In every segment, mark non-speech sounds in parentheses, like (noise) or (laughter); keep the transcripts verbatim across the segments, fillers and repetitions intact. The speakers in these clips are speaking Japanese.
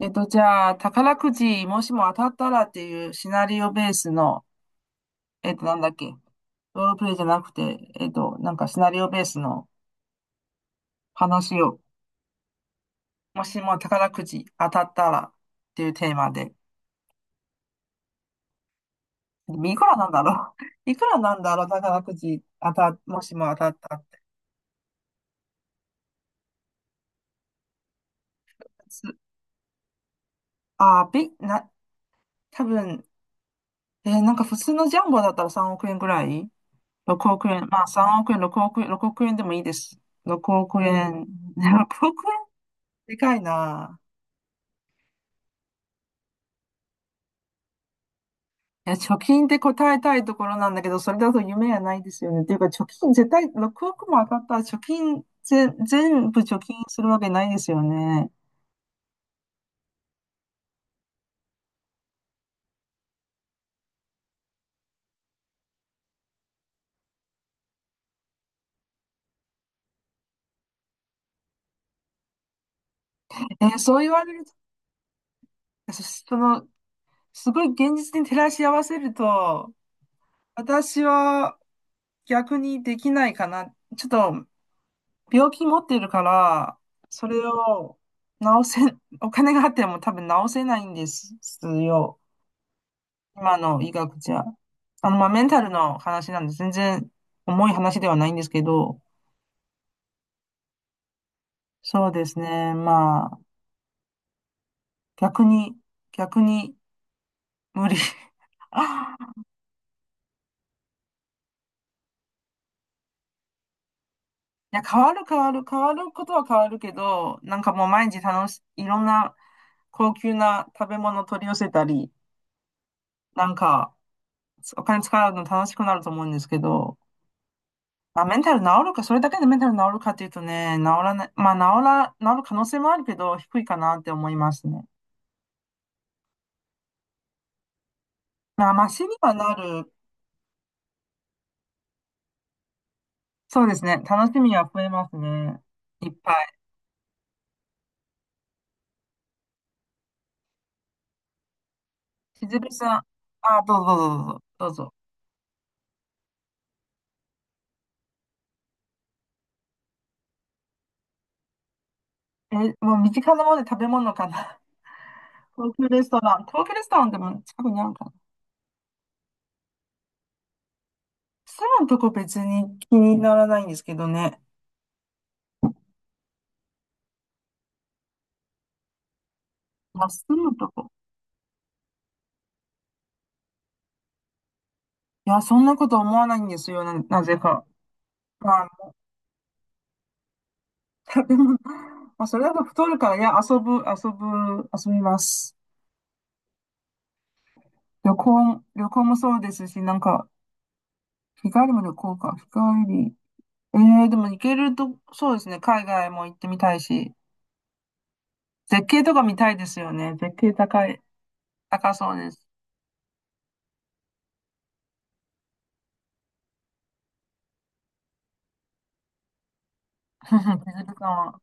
えっと、じゃあ、宝くじ、もしも当たったらっていうシナリオベースの、えっと、なんだっけ、ロールプレイじゃなくて、えっと、なんかシナリオベースの話を、もしも宝くじ当たったらっていうテーマで、いくらなんだろう。 (laughs) いくらなんだろう、宝くじ当た、もしも当たったって、すあー、び、な、多分、えーなんか普通のジャンボだったらさんおく円ぐらい、 ろく 億円。まあさんおく円、ろくおく円、ろくおく円でもいいです。ろくおく円。(laughs) ろくおく円、でかいな。いや、貯金って答えたいところなんだけど、それだと夢がないですよね。っていうか、貯金絶対、ろくおくも当たったら貯金、ぜ、全部貯金するわけないですよね。えーそう言われると、そその、すごい現実に照らし合わせると、私は逆にできないかな。ちょっと、病気持っているから、それを治せ、お金があっても多分治せないんですよ。今の医学じゃ。あの、まあ、メンタルの話なんで、全然重い話ではないんですけど、そうですね。まあ、逆に、逆に無理。(laughs) いや、変わる変わる、変わることは変わるけど、なんかもう毎日楽し、いろんな高級な食べ物取り寄せたり、なんか、お金使うの楽しくなると思うんですけど、まあ、メンタル治るか、それだけでメンタル治るかっていうとね、治らない、まあ、治ら、治る可能性もあるけど、低いかなって思いますね。まあ、マシにはなる。そうですね。楽しみは増えますね。いっぱい。しずるさん。あ、どうぞどうぞどうぞ。どうぞえ、もう身近なもので食べ物かな。(laughs) 高級レストラン。高級レストランでも近くにあるかな。住むとこ別に気にならないんですけどね。まあ、住むとこ。いや、そんなこと思わないんですよ。な、なぜか。まあ、食べ物。(laughs) まあ、それだと太るから、いや、遊ぶ、遊ぶ、遊びます。旅行、旅行もそうですし、なんか、日帰りも旅行か。日帰り。ええでも行けると、そうですね。海外も行ってみたいし、絶景とか見たいですよね。絶景高い、高そうです。(laughs) 手塚さんは。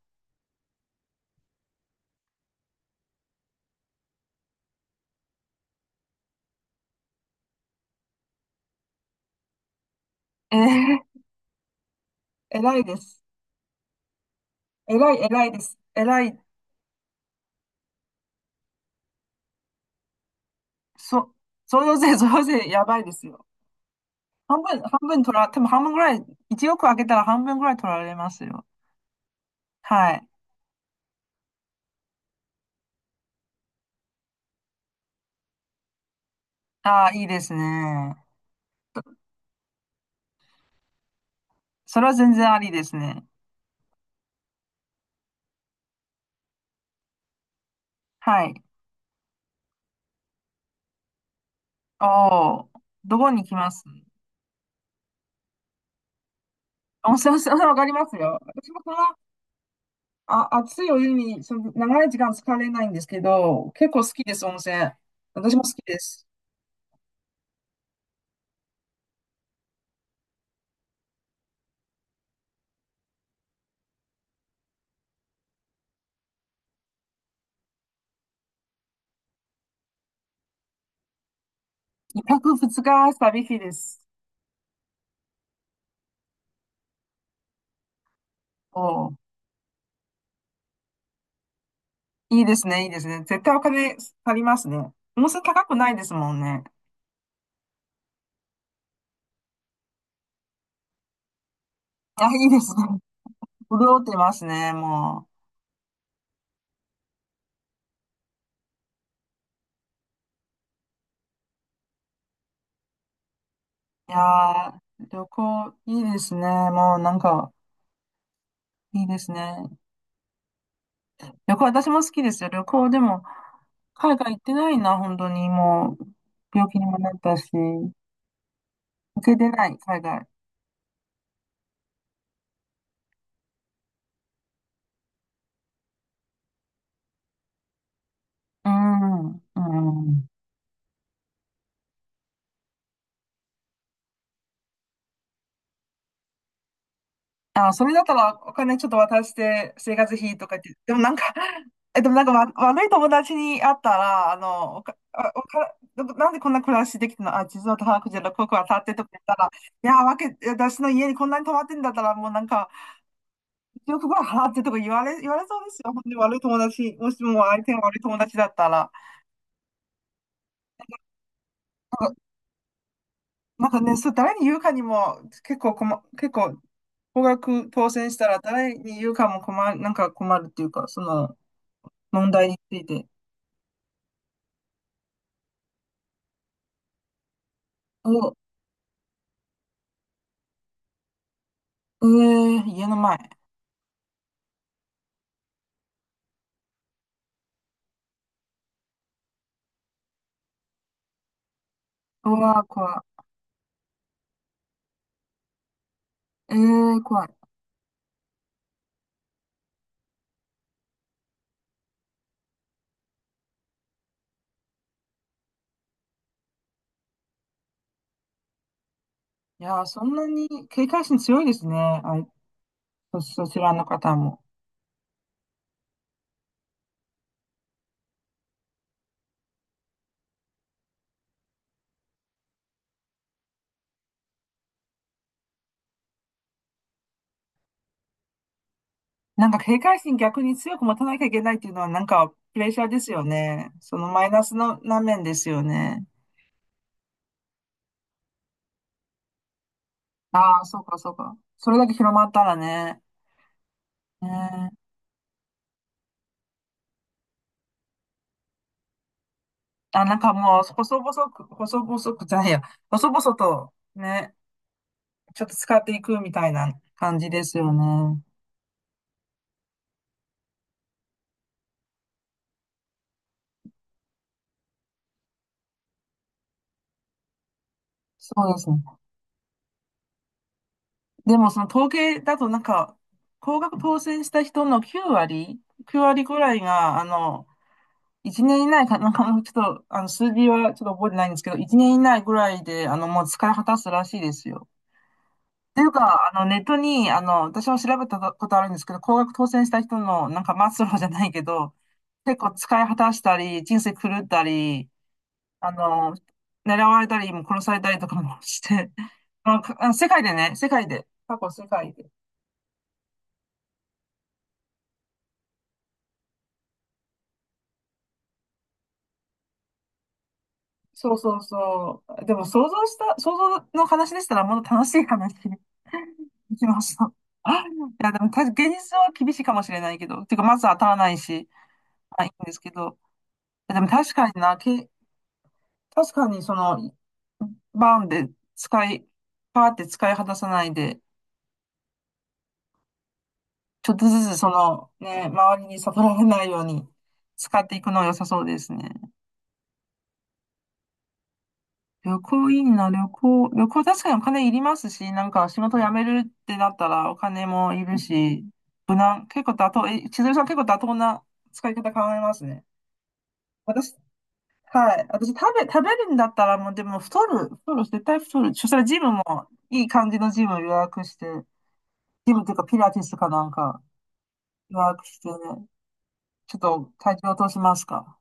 ええ偉いです。偉い、偉いです。偉い。そ、そよ税、そよ税、やばいですよ。半分、半分取ら、でも半分ぐらい、いちおくあげたら半分ぐらい取られますよ。はい。ああ、いいですね。それは全然ありですね。はい。おお、どこに来ます。温泉、温泉わかりますよ。私もそのあ、熱いお湯にその長い時間浸かれないんですけど、結構好きです、温泉。私も好きです。一泊二日旅費です。おー、いいですね、いいですね。絶対お金足りますね。温泉高くないですもんね。あ、いいですね。(laughs) 潤ってますね、もう。いやー、旅行いいですね。もうなんか、いいですね。旅行、私も好きですよ。旅行でも、海外行ってないな、本当に。もう、病気にもなったし、行けてない、海外。うん、うん。あ、それだったらお金ちょっと渡して生活費とかって、でもなんか (laughs) え、でもなんかわ悪い友達に会ったら、あの、おか、あおか、なんでこんな暮らしできたのあ、実は高くじゃなく、ここは立ってとか言ったら、いや、わけ、私の家にこんなに泊まってんだったら、もうなんか、よくご飯払ってとか言われ、言われそうですよ。本当に悪い友達、もしも相手が悪い友達だったら。なんかね、そう、誰に言うかにも結構困、結構、高額当選したら誰に言うかも困る、なんか困るっていうか、その問題について。お、えー、家の前。うわー、怖い。えー、怖い。いやー、そんなに警戒心強いですね。あい、そ、そちらの方も。なんか警戒心逆に強く持たなきゃいけないっていうのはなんかプレッシャーですよね。そのマイナスのな面ですよね。ああ、そうかそうか。それだけ広まったらね。ねえ。あ、なんかもう細々く、細々くじゃないや、細々とね、ちょっと使っていくみたいな感じですよね。そうですね。でもその統計だとなんか、高額当選した人のきゅう割、きゅう割ぐらいが、あの、一年以内か、なんかもうちょっと、あの、数字はちょっと覚えてないんですけど、一年以内ぐらいで、あの、もう使い果たすらしいですよ。っていうか、あの、ネットに、あの、私も調べたことあるんですけど、高額当選した人の、なんか末路じゃないけど、結構使い果たしたり、人生狂ったり、あの、狙われたり、も殺されたりとかもして、(laughs) まあ、かあの世界でね、世界で、過去世界でそうそうそう。でも想像した、想像の話でしたらもっと楽しい話 (laughs) できました。(gasps) あいや、でも確か現実は厳しいかもしれないけど、てかまず当たらないし、まあいいんですけど、いやでも確かにな、け、確かにその、バーンで使い、パーって使い果たさないで、ちょっとずつその、ね、周りに悟られないように使っていくのは良さそうですね。旅行いいな、旅行。旅行確かにお金いりますし、なんか仕事辞めるってなったらお金もいるし、無難。結構妥当、え、千鶴さん結構妥当な使い方考えますね。私、はい。私食べ、食べるんだったらもうでも太る、太る、絶対太る。そしたらジムもいい感じのジムを予約して、ジムっていうかピラティスかなんか予約してね、ちょっと体重落としますか。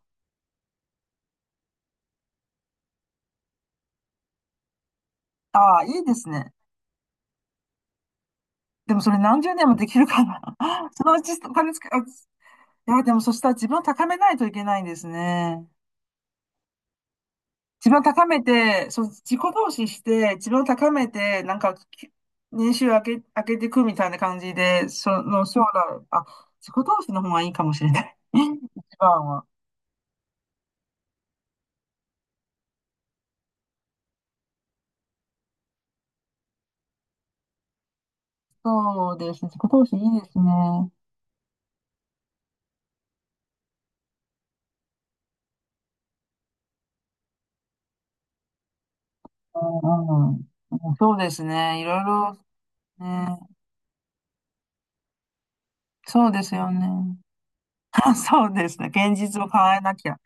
ああ、いいですね。でもそれ何十年もできるかな。(laughs) そのうちお金つけ、あいや、でもそしたら自分を高めないといけないんですね。自分を高めて、そう、自己投資して、自分を高めて、なんか、き年収上げ、上げていくみたいな感じで、その、将来、あ、自己投資の方がいいかもしれない。(laughs) 一番は。そうですね。自己投資いいですね。うんうん。そうですね。いろいろ、ね。そうですよね。(laughs) そうですね。現実を変えなきゃ。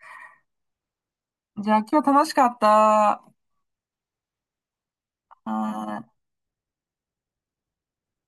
じゃあ今日楽しかった。はーい